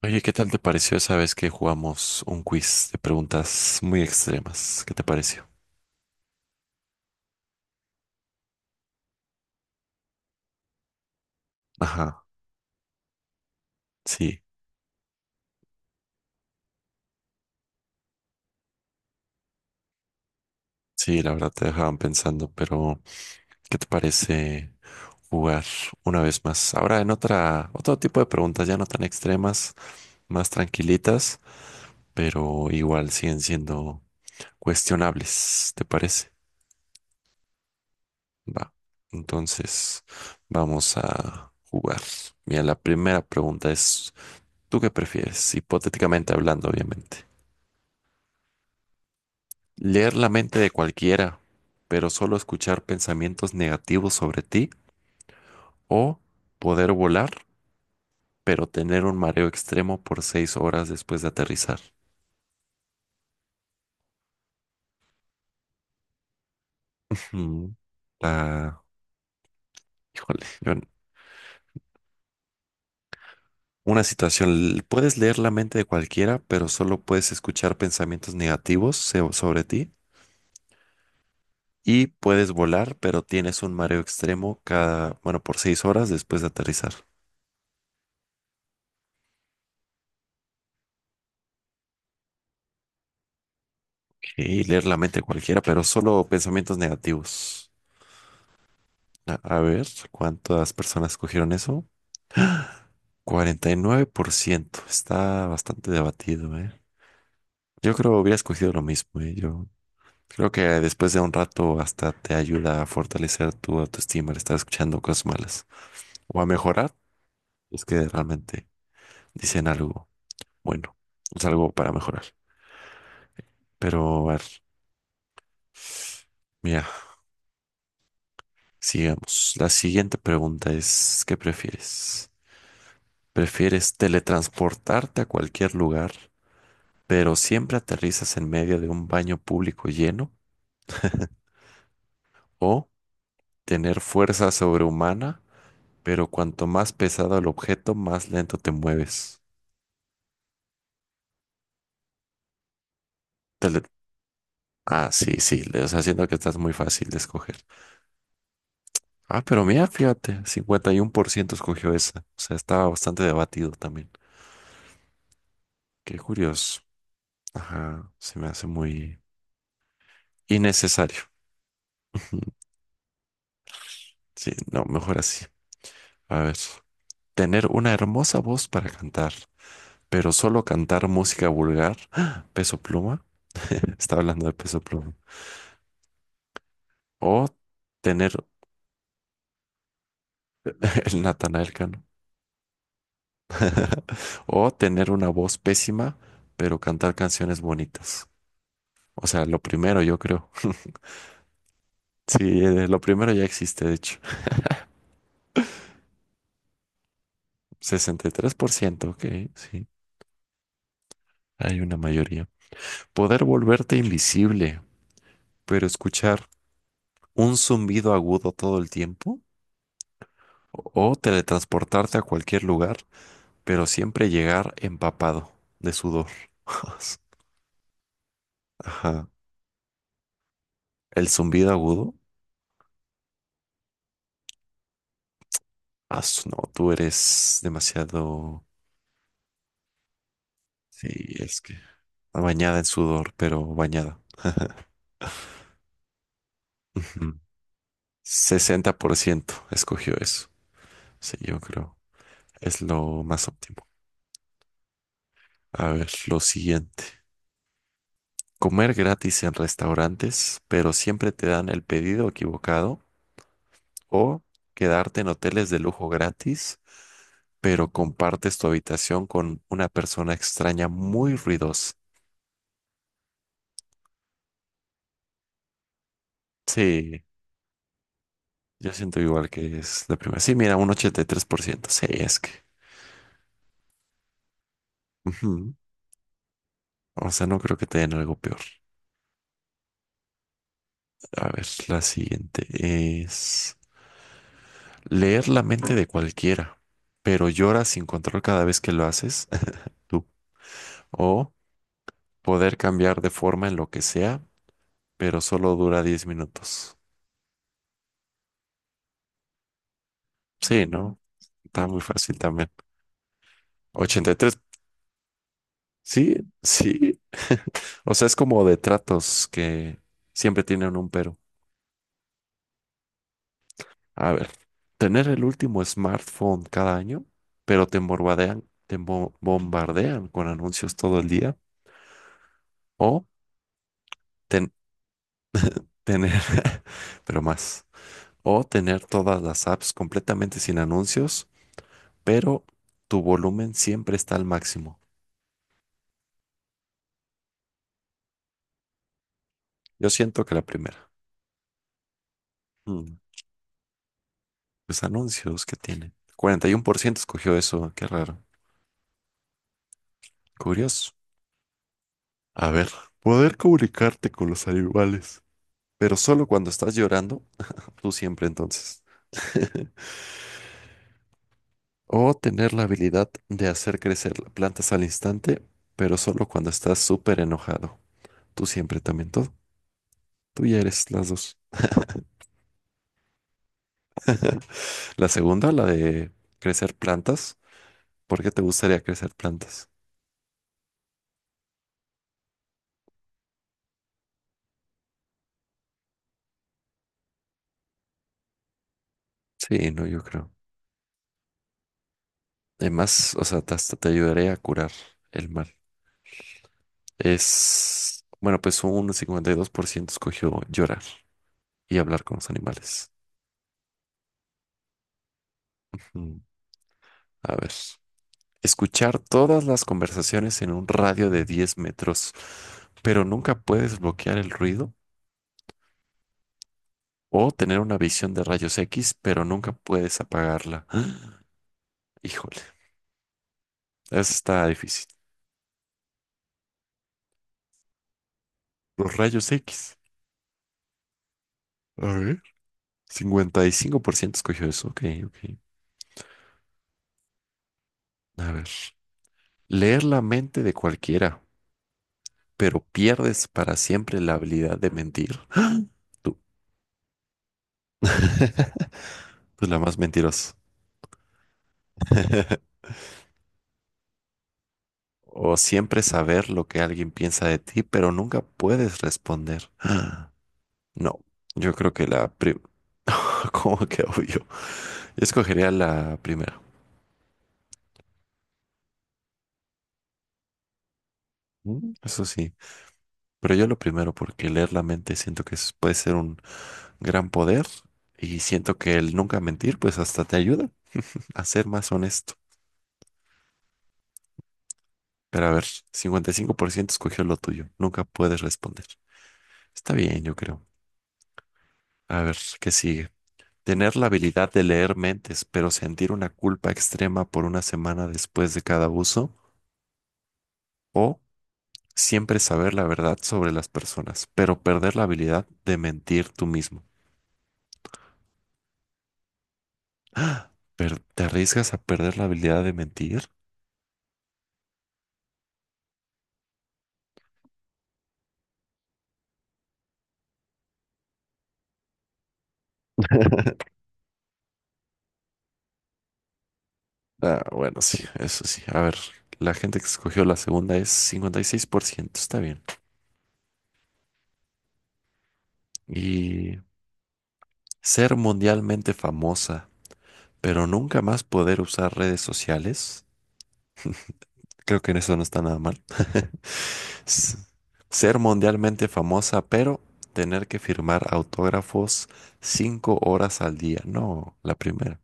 Oye, ¿qué tal te pareció esa vez que jugamos un quiz de preguntas muy extremas? ¿Qué te pareció? Ajá, sí, sí, la verdad te dejaban pensando, pero ¿qué te parece jugar una vez más? Ahora en otro tipo de preguntas ya no tan extremas, más tranquilitas, pero igual siguen siendo cuestionables, ¿te parece? Va, entonces vamos a jugar. Mira, la primera pregunta es, ¿tú qué prefieres? Hipotéticamente hablando, obviamente. Leer la mente de cualquiera, pero solo escuchar pensamientos negativos sobre ti, o poder volar, pero tener un mareo extremo por 6 horas después de aterrizar. Mm, ah, híjole. Una situación, puedes leer la mente de cualquiera, pero solo puedes escuchar pensamientos negativos sobre ti, y puedes volar, pero tienes un mareo extremo cada, bueno, por 6 horas después de aterrizar. Y leer la mente de cualquiera, pero solo pensamientos negativos. A ver, ¿cuántas personas cogieron eso? 49%. Está bastante debatido, ¿eh? Yo creo hubiera escogido lo mismo, ¿eh? Yo creo que después de un rato hasta te ayuda a fortalecer tu autoestima al estar escuchando cosas malas. O a mejorar, es que realmente dicen algo bueno, es algo para mejorar. Pero, a ver, mira, sigamos. La siguiente pregunta es, ¿qué prefieres? ¿Prefieres teletransportarte a cualquier lugar? Pero siempre aterrizas en medio de un baño público lleno o tener fuerza sobrehumana, pero cuanto más pesado el objeto, más lento te mueves. Tele- ah, sí, sí, o sea, siento que estás muy fácil de escoger. Ah, pero mira, fíjate, 51% escogió esa. O sea, estaba bastante debatido también. Qué curioso. Ajá, se me hace muy innecesario. Sí, no, mejor así. A ver. Tener una hermosa voz para cantar pero solo cantar música vulgar, Peso Pluma, está hablando de Peso Pluma, o tener el Natanael Cano, o tener una voz pésima, pero cantar canciones bonitas. O sea, lo primero yo creo. Sí, lo primero ya existe, de hecho. 63%, ok, sí, hay una mayoría. Poder volverte invisible, pero escuchar un zumbido agudo todo el tiempo, o teletransportarte a cualquier lugar, pero siempre llegar empapado de sudor. Ajá. El zumbido agudo. Ah, no, tú eres demasiado. Sí, es que. Bañada en sudor, pero bañada. Ujú. 60% escogió eso. Sí, yo creo. Es lo más óptimo. A ver, lo siguiente. Comer gratis en restaurantes, pero siempre te dan el pedido equivocado. O quedarte en hoteles de lujo gratis, pero compartes tu habitación con una persona extraña muy ruidosa. Sí, yo siento igual que es la primera. Sí, mira, un 83%. Sí, es que. Ujú. O sea, no creo que te den algo peor. A ver, la siguiente es leer la mente de cualquiera, pero lloras sin control cada vez que lo haces. Tú. O poder cambiar de forma en lo que sea, pero solo dura 10 minutos. Sí, ¿no? Está muy fácil también. 83. Sí, sí. O sea, es como de tratos que siempre tienen un pero. A ver, tener el último smartphone cada año, pero te bombardean, te bo- bombardean con anuncios todo el día. O ten- tener, pero más. O tener todas las apps completamente sin anuncios, pero tu volumen siempre está al máximo. Yo siento que la primera. Mm, Los anuncios que tienen. 41% escogió eso, qué raro. Curioso. A ver, poder comunicarte con los animales, pero solo cuando estás llorando, tú siempre entonces. O tener la habilidad de hacer crecer plantas al instante, pero solo cuando estás súper enojado, tú siempre también todo. Tú ya eres las dos. La segunda, la de crecer plantas. ¿Por qué te gustaría crecer plantas? Sí, no, yo creo. Además, o sea, te- hasta te ayudaré a curar el mal. Es, bueno, pues un 52% escogió llorar y hablar con los animales. Mm, A ver. Escuchar todas las conversaciones en un radio de 10 metros, pero nunca puedes bloquear el ruido. O tener una visión de rayos X, pero nunca puedes apagarla. Híjole, eso está difícil. Los rayos X. A ver. 55% escogió eso. Ok, ok. A ver. Leer la mente de cualquiera, pero pierdes para siempre la habilidad de mentir. Tú. Tú la más mentirosa. O siempre saber lo que alguien piensa de ti, pero nunca puedes responder. No, yo creo que la ¿Cómo que obvio? Yo escogería la primera. Eso sí, pero yo lo primero porque leer la mente siento que es- puede ser un gran poder y siento que el nunca mentir pues hasta te ayuda a ser más honesto. Pero a ver, 55% escogió lo tuyo, nunca puedes responder. Está bien, yo creo. A ver, ¿qué sigue? Tener la habilidad de leer mentes, pero sentir una culpa extrema por una semana después de cada uso. O siempre saber la verdad sobre las personas, pero perder la habilidad de mentir tú mismo. ¡Ah! ¿Te arriesgas a perder la habilidad de mentir? Ah, bueno, sí, eso sí. A ver, la gente que escogió la segunda es 56%, está bien. Y ser mundialmente famosa, pero nunca más poder usar redes sociales. Creo que en eso no está nada mal. S- Ser mundialmente famosa, pero tener que firmar autógrafos 5 horas al día. No, la primera.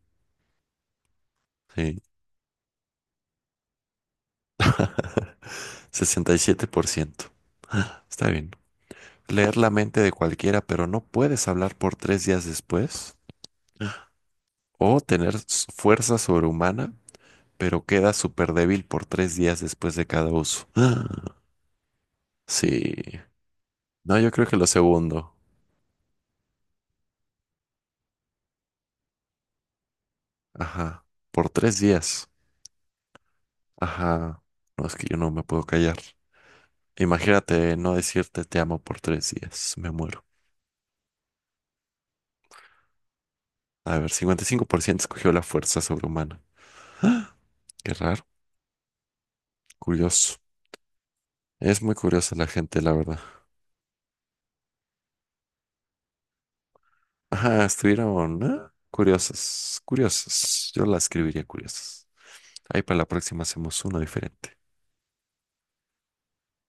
Sí, 67%. Está bien. Leer la mente de cualquiera, pero no puedes hablar por 3 días después. O tener fuerza sobrehumana, pero queda súper débil por 3 días después de cada uso. Sí. No, yo creo que lo segundo. Ajá. Por tres días. Ajá, no es que yo no me puedo callar. Imagínate no decirte te amo por 3 días, me muero. A ver, 55% escogió la fuerza sobrehumana. ¡Ah! Qué raro, curioso. Es muy curiosa la gente, la verdad. Ajá, estuvieron, ¿eh? Curiosas, curiosas. Yo la escribiría curiosas. Ahí para la próxima hacemos uno diferente.